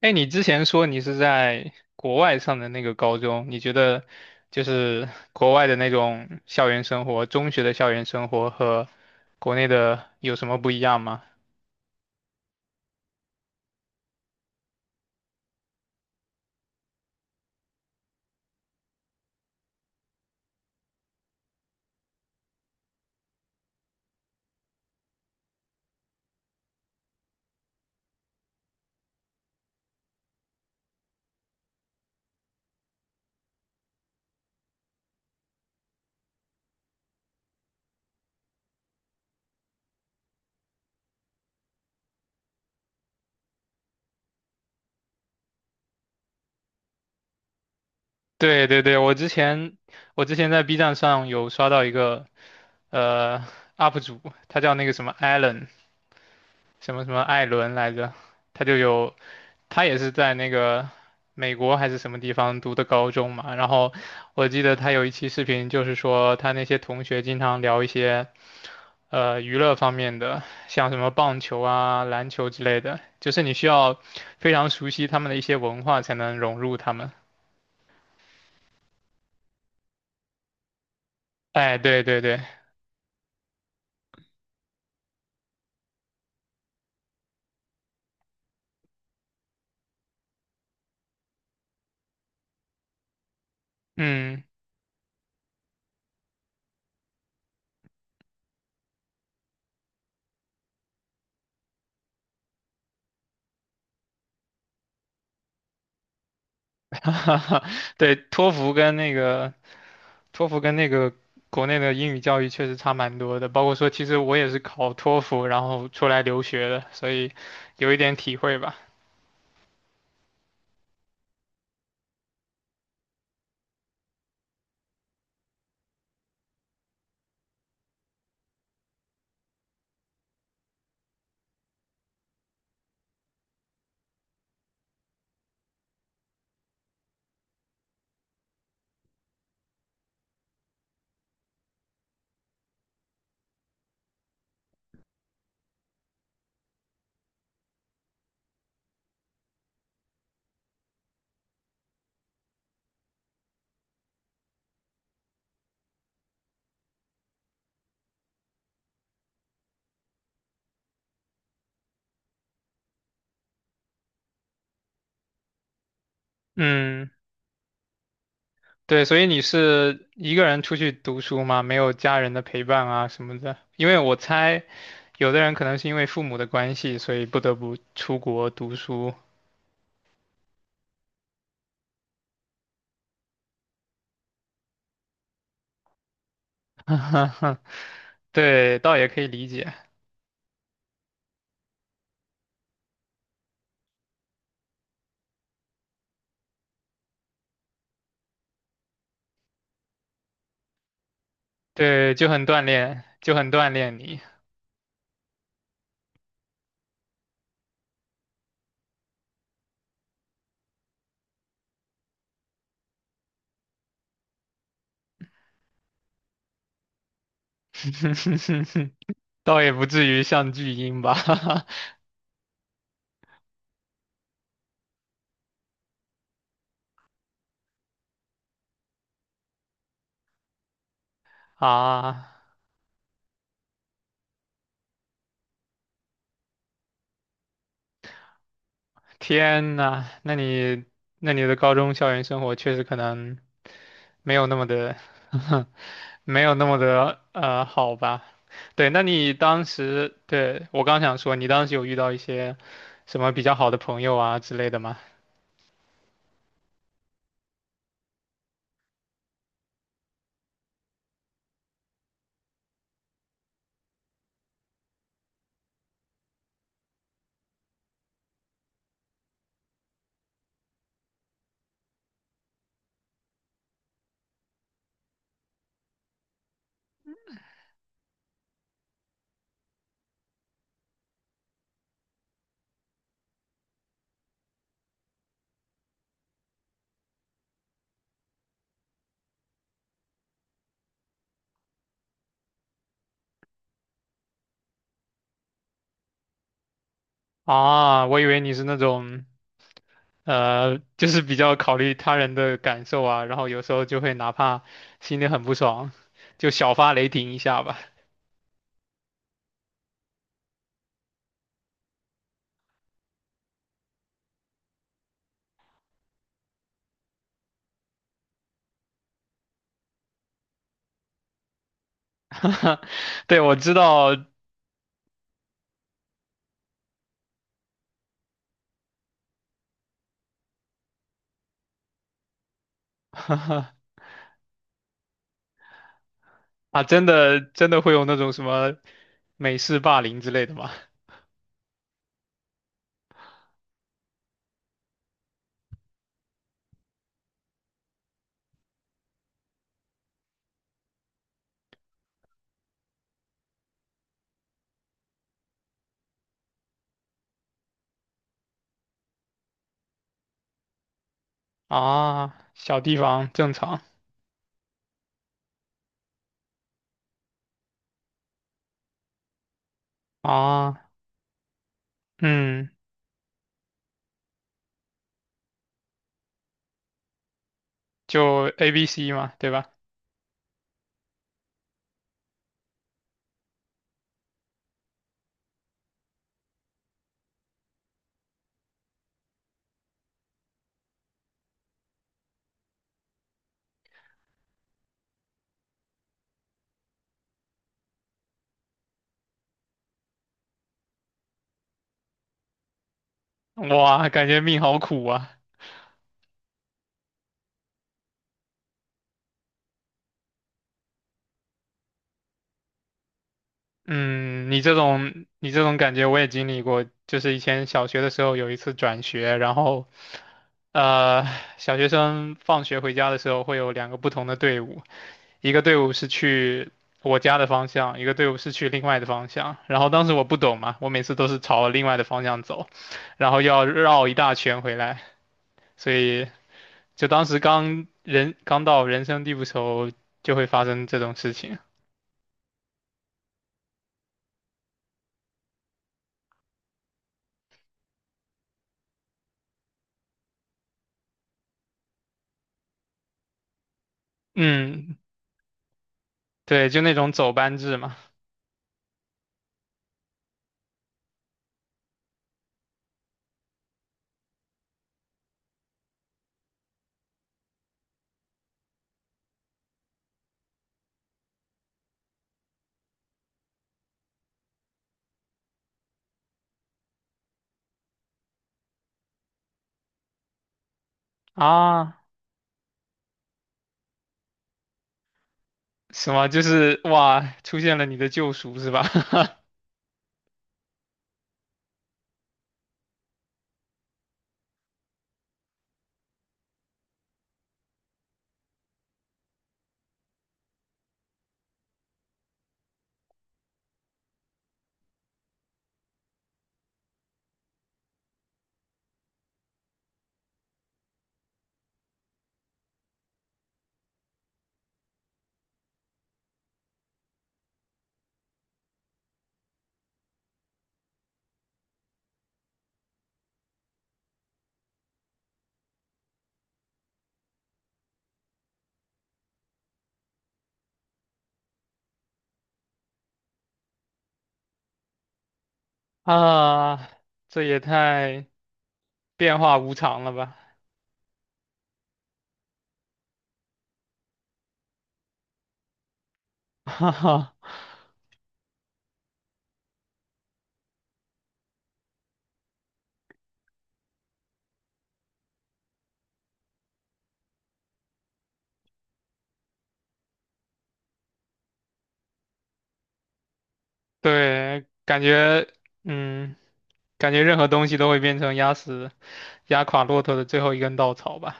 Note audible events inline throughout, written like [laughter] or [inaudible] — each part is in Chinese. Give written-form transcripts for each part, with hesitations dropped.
哎，你之前说你是在国外上的那个高中，你觉得就是国外的那种校园生活，中学的校园生活和国内的有什么不一样吗？对对对，我之前在 B 站上有刷到一个呃 UP 主，他叫那个什么 Allen，什么艾伦来着，他就有，他也是在那个美国还是什么地方读的高中嘛。然后我记得他有一期视频，就是说他那些同学经常聊一些娱乐方面的，像什么棒球啊、篮球之类的，就是你需要非常熟悉他们的一些文化才能融入他们。哎，对对对，嗯，[laughs] 对，托福跟那个国内的英语教育确实差蛮多的，包括说其实我也是考托福，然后出来留学的，所以有一点体会吧。嗯，对，所以你是一个人出去读书吗？没有家人的陪伴啊什么的？因为我猜，有的人可能是因为父母的关系，所以不得不出国读书。[laughs] 对，倒也可以理解。对，就很锻炼你，[laughs] 倒也不至于像巨婴吧。[laughs] 啊，天呐，那你的高中校园生活确实可能没有那么的，[laughs] 没有那么的好吧？对，那你当时，对，我刚想说，你当时有遇到一些什么比较好的朋友啊之类的吗？啊，我以为你是那种就是比较考虑他人的感受啊，然后有时候就会哪怕心里很不爽，就小发雷霆一下吧。[laughs] 对，我知道，[laughs] 啊，真的真的会有那种什么美式霸凌之类的吗？[laughs] 啊，小地方正常啊，嗯，就 A B C 嘛，对吧？哇，感觉命好苦啊。嗯，你这种感觉我也经历过，就是以前小学的时候有一次转学，然后呃，小学生放学回家的时候会有两个不同的队伍，一个队伍是去我家的方向，一个队伍是去另外的方向。然后当时我不懂嘛，我每次都是朝另外的方向走，然后要绕一大圈回来，所以就当时刚人刚到人生地不熟，就会发生这种事情。嗯，对，就那种走班制嘛。啊，什么？就是哇，出现了你的救赎是吧？[laughs] 啊，这也太变化无常了吧！[laughs] 哈哈。对，感觉，嗯，感觉任何东西都会变成压死、压垮骆驼的最后一根稻草吧。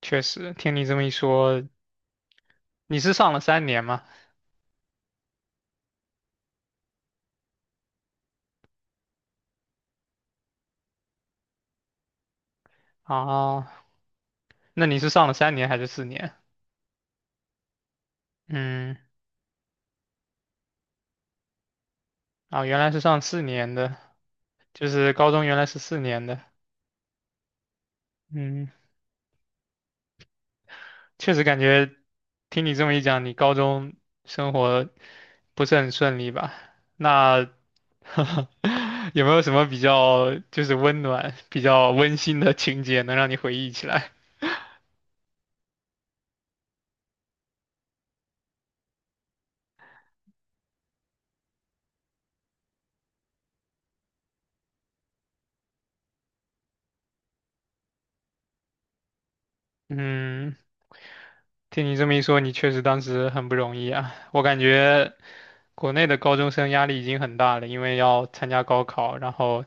确实，听你这么一说，你是上了三年吗？啊，那你是上了三年还是四年？嗯，啊，原来是上四年的，就是高中原来是四年的。嗯。确实感觉听你这么一讲，你高中生活不是很顺利吧？那 [laughs] 有没有什么比较就是温暖、比较温馨的情节能让你回忆起来？嗯，听你这么一说，你确实当时很不容易啊。我感觉国内的高中生压力已经很大了，因为要参加高考，然后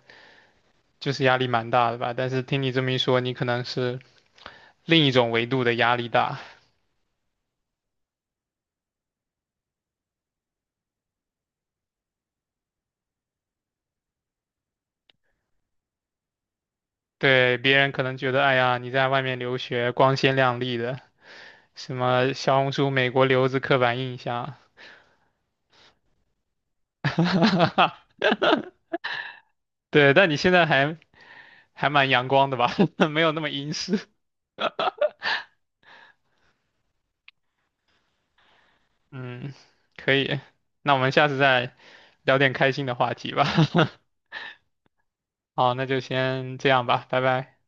就是压力蛮大的吧。但是听你这么一说，你可能是另一种维度的压力大。对，别人可能觉得，哎呀，你在外面留学光鲜亮丽的，什么小红书美国留子刻板印象，[laughs] 对，但你现在还还蛮阳光的吧，[laughs] 没有那么阴湿。嗯，可以，那我们下次再聊点开心的话题吧。[laughs] 好，那就先这样吧，拜拜。